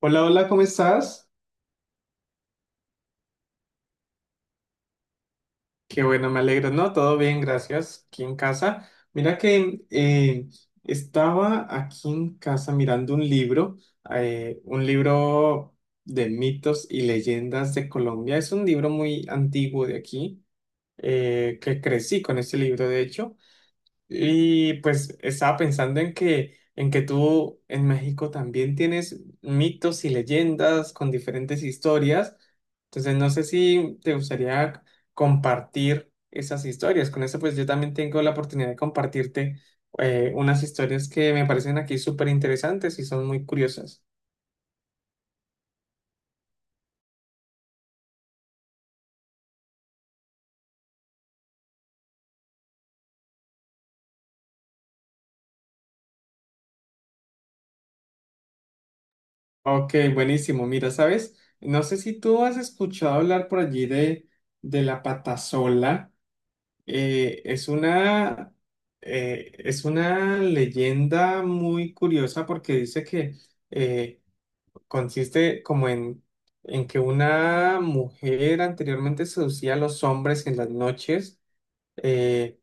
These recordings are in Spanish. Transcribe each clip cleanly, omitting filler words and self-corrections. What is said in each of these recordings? Hola, hola, ¿cómo estás? Qué bueno, me alegro, ¿no? Todo bien, gracias. Aquí en casa. Mira que estaba aquí en casa mirando un libro de mitos y leyendas de Colombia. Es un libro muy antiguo de aquí, que crecí con este libro, de hecho. Y pues estaba pensando en que tú en México también tienes mitos y leyendas con diferentes historias. Entonces no sé si te gustaría compartir esas historias. Con eso pues yo también tengo la oportunidad de compartirte unas historias que me parecen aquí súper interesantes y son muy curiosas. Ok, buenísimo. Mira, ¿sabes? No sé si tú has escuchado hablar por allí de la patasola. Eh, es una, es una leyenda muy curiosa porque dice que eh, consiste como en que una mujer anteriormente seducía a los hombres en las noches, eh,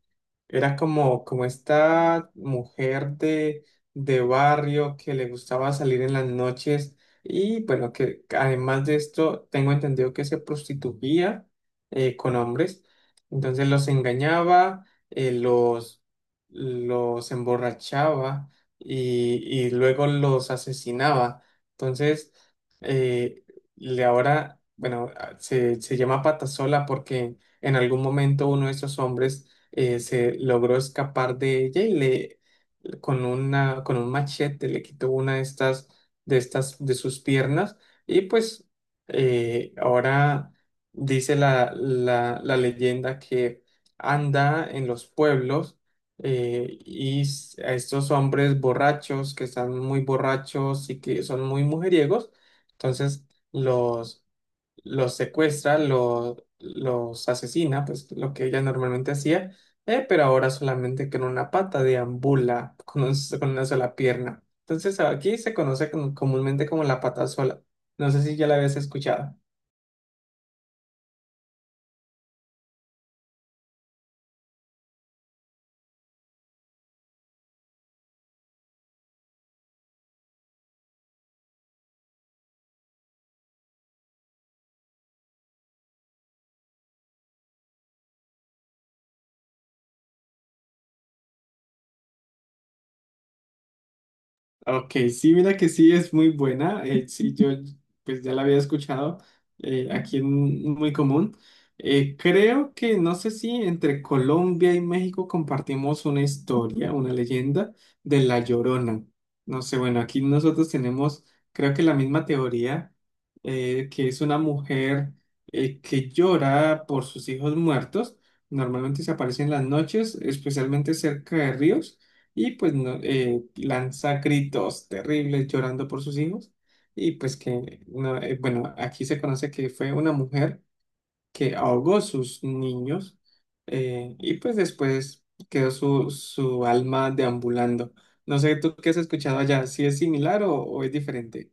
era como esta mujer de barrio que le gustaba salir en las noches y bueno, que además de esto tengo entendido que se prostituía, con hombres, entonces los engañaba, eh, los, los emborrachaba y luego los asesinaba. Entonces, eh, le ahora, bueno, se llama Patasola porque en algún momento uno de esos hombres se logró escapar de ella y le con un machete le quitó una de estas de sus piernas y pues ahora dice la leyenda que anda en los pueblos a estos hombres borrachos que están muy borrachos y que son muy mujeriegos, entonces los los secuestra, los asesina, pues lo que ella normalmente hacía, pero ahora solamente con una pata deambula, con, con una sola pierna. Entonces aquí se conoce comúnmente como la pata sola. No sé si ya la habías escuchado. Ok, sí, mira que sí es muy buena. Sí, yo pues ya la había escuchado, aquí es muy común. Creo que no sé si entre Colombia y México compartimos una historia, una leyenda de La Llorona. No sé, bueno, aquí nosotros tenemos creo que la misma teoría, que es una mujer que llora por sus hijos muertos. Normalmente se aparece en las noches, especialmente cerca de ríos y pues no, lanza gritos terribles llorando por sus hijos y pues que, no, bueno, aquí se conoce que fue una mujer que ahogó sus niños, y pues después quedó su alma deambulando. No sé, ¿tú qué has escuchado allá? ¿Si es similar o es diferente?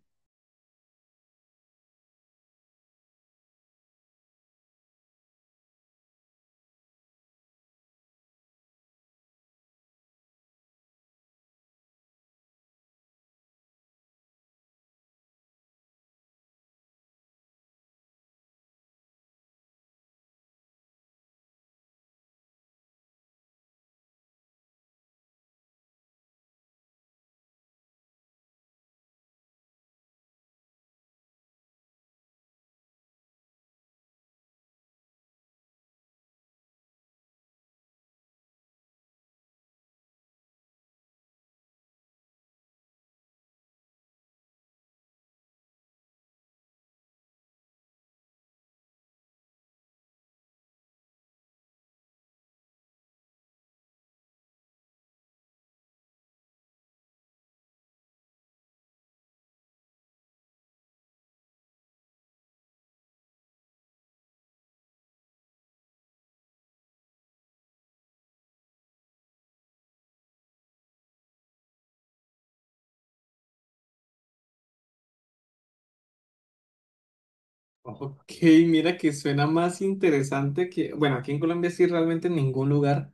Ok, mira que suena más interesante que, bueno, aquí en Colombia sí realmente en ningún lugar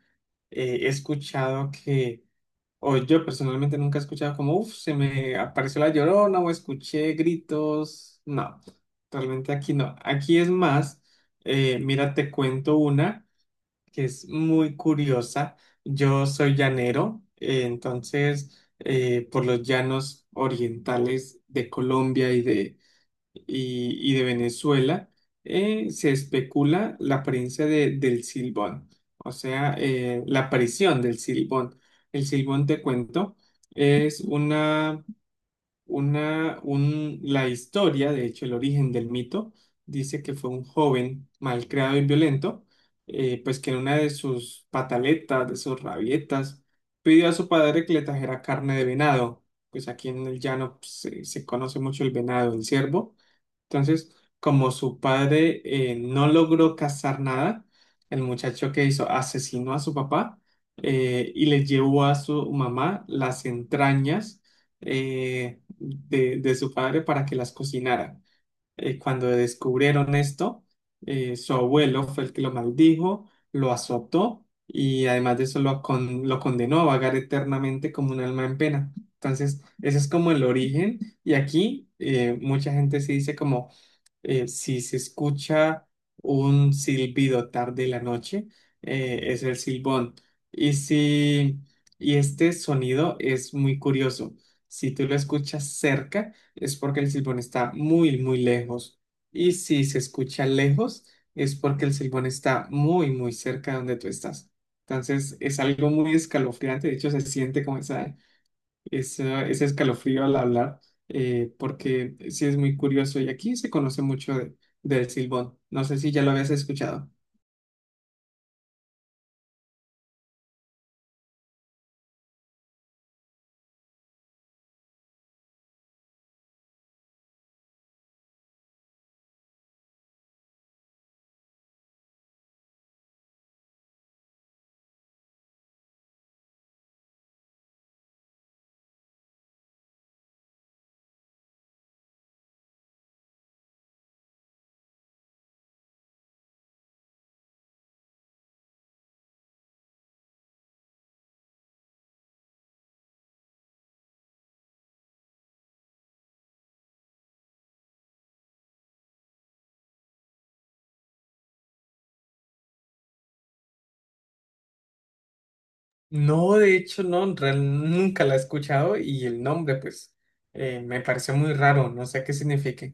he escuchado que o yo personalmente nunca he escuchado como, uff, se me apareció la Llorona o escuché gritos. No, realmente aquí no. Aquí es más, mira, te cuento una que es muy curiosa. Yo soy llanero, entonces por los llanos orientales de Colombia y de Venezuela, se especula la apariencia del silbón, o sea, la aparición del silbón. El silbón, te cuento, es la historia, de hecho, el origen del mito, dice que fue un joven malcriado y violento, pues que en una de sus pataletas, de sus rabietas, pidió a su padre que le trajera carne de venado. Pues aquí en el llano pues, se conoce mucho el venado, el ciervo, entonces, como su padre no logró cazar nada, el muchacho que hizo asesinó a su papá, y le llevó a su mamá las entrañas, de su padre para que las cocinara. Cuando descubrieron esto, su abuelo fue el que lo maldijo, lo azotó y además de eso lo, lo condenó a vagar eternamente como un alma en pena. Entonces, ese es como el origen y aquí mucha gente se dice como si se escucha un silbido tarde en la noche, es el silbón. Y si, Y este sonido es muy curioso. Si tú lo escuchas cerca, es porque el silbón está muy, muy lejos. Y si se escucha lejos, es porque el silbón está muy, muy cerca de donde tú estás. Entonces, es algo muy escalofriante. De hecho, se siente como ese escalofrío al hablar, porque sí es muy curioso. Y aquí se conoce mucho del silbón. No sé si ya lo habías escuchado. No, de hecho, no, nunca la he escuchado y el nombre, pues, me pareció muy raro. No sé qué significa.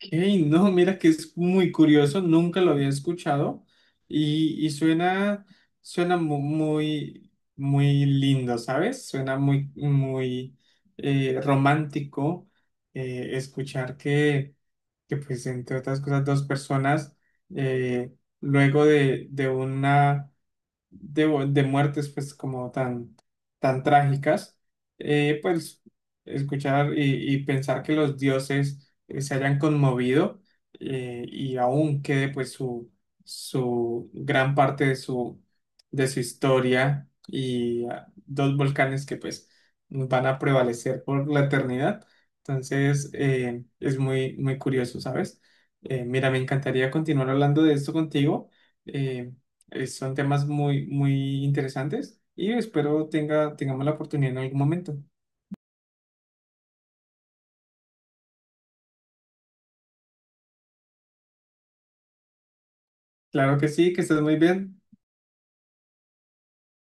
Ey, no, mira que es muy curioso, nunca lo había escuchado y suena, muy, muy lindo, ¿sabes? Suena muy, muy romántico, escuchar que, pues, entre otras cosas, dos personas eh, luego de una de muertes pues como tan, tan trágicas, pues escuchar y pensar que los dioses se hayan conmovido, y aún quede pues su gran parte de su historia y ah, dos volcanes que pues van a prevalecer por la eternidad. Entonces es muy, muy curioso, ¿sabes? Mira, me encantaría continuar hablando de esto contigo. Em, Son temas muy, muy interesantes y espero tengamos la oportunidad en algún momento. Claro que sí, que estés muy bien.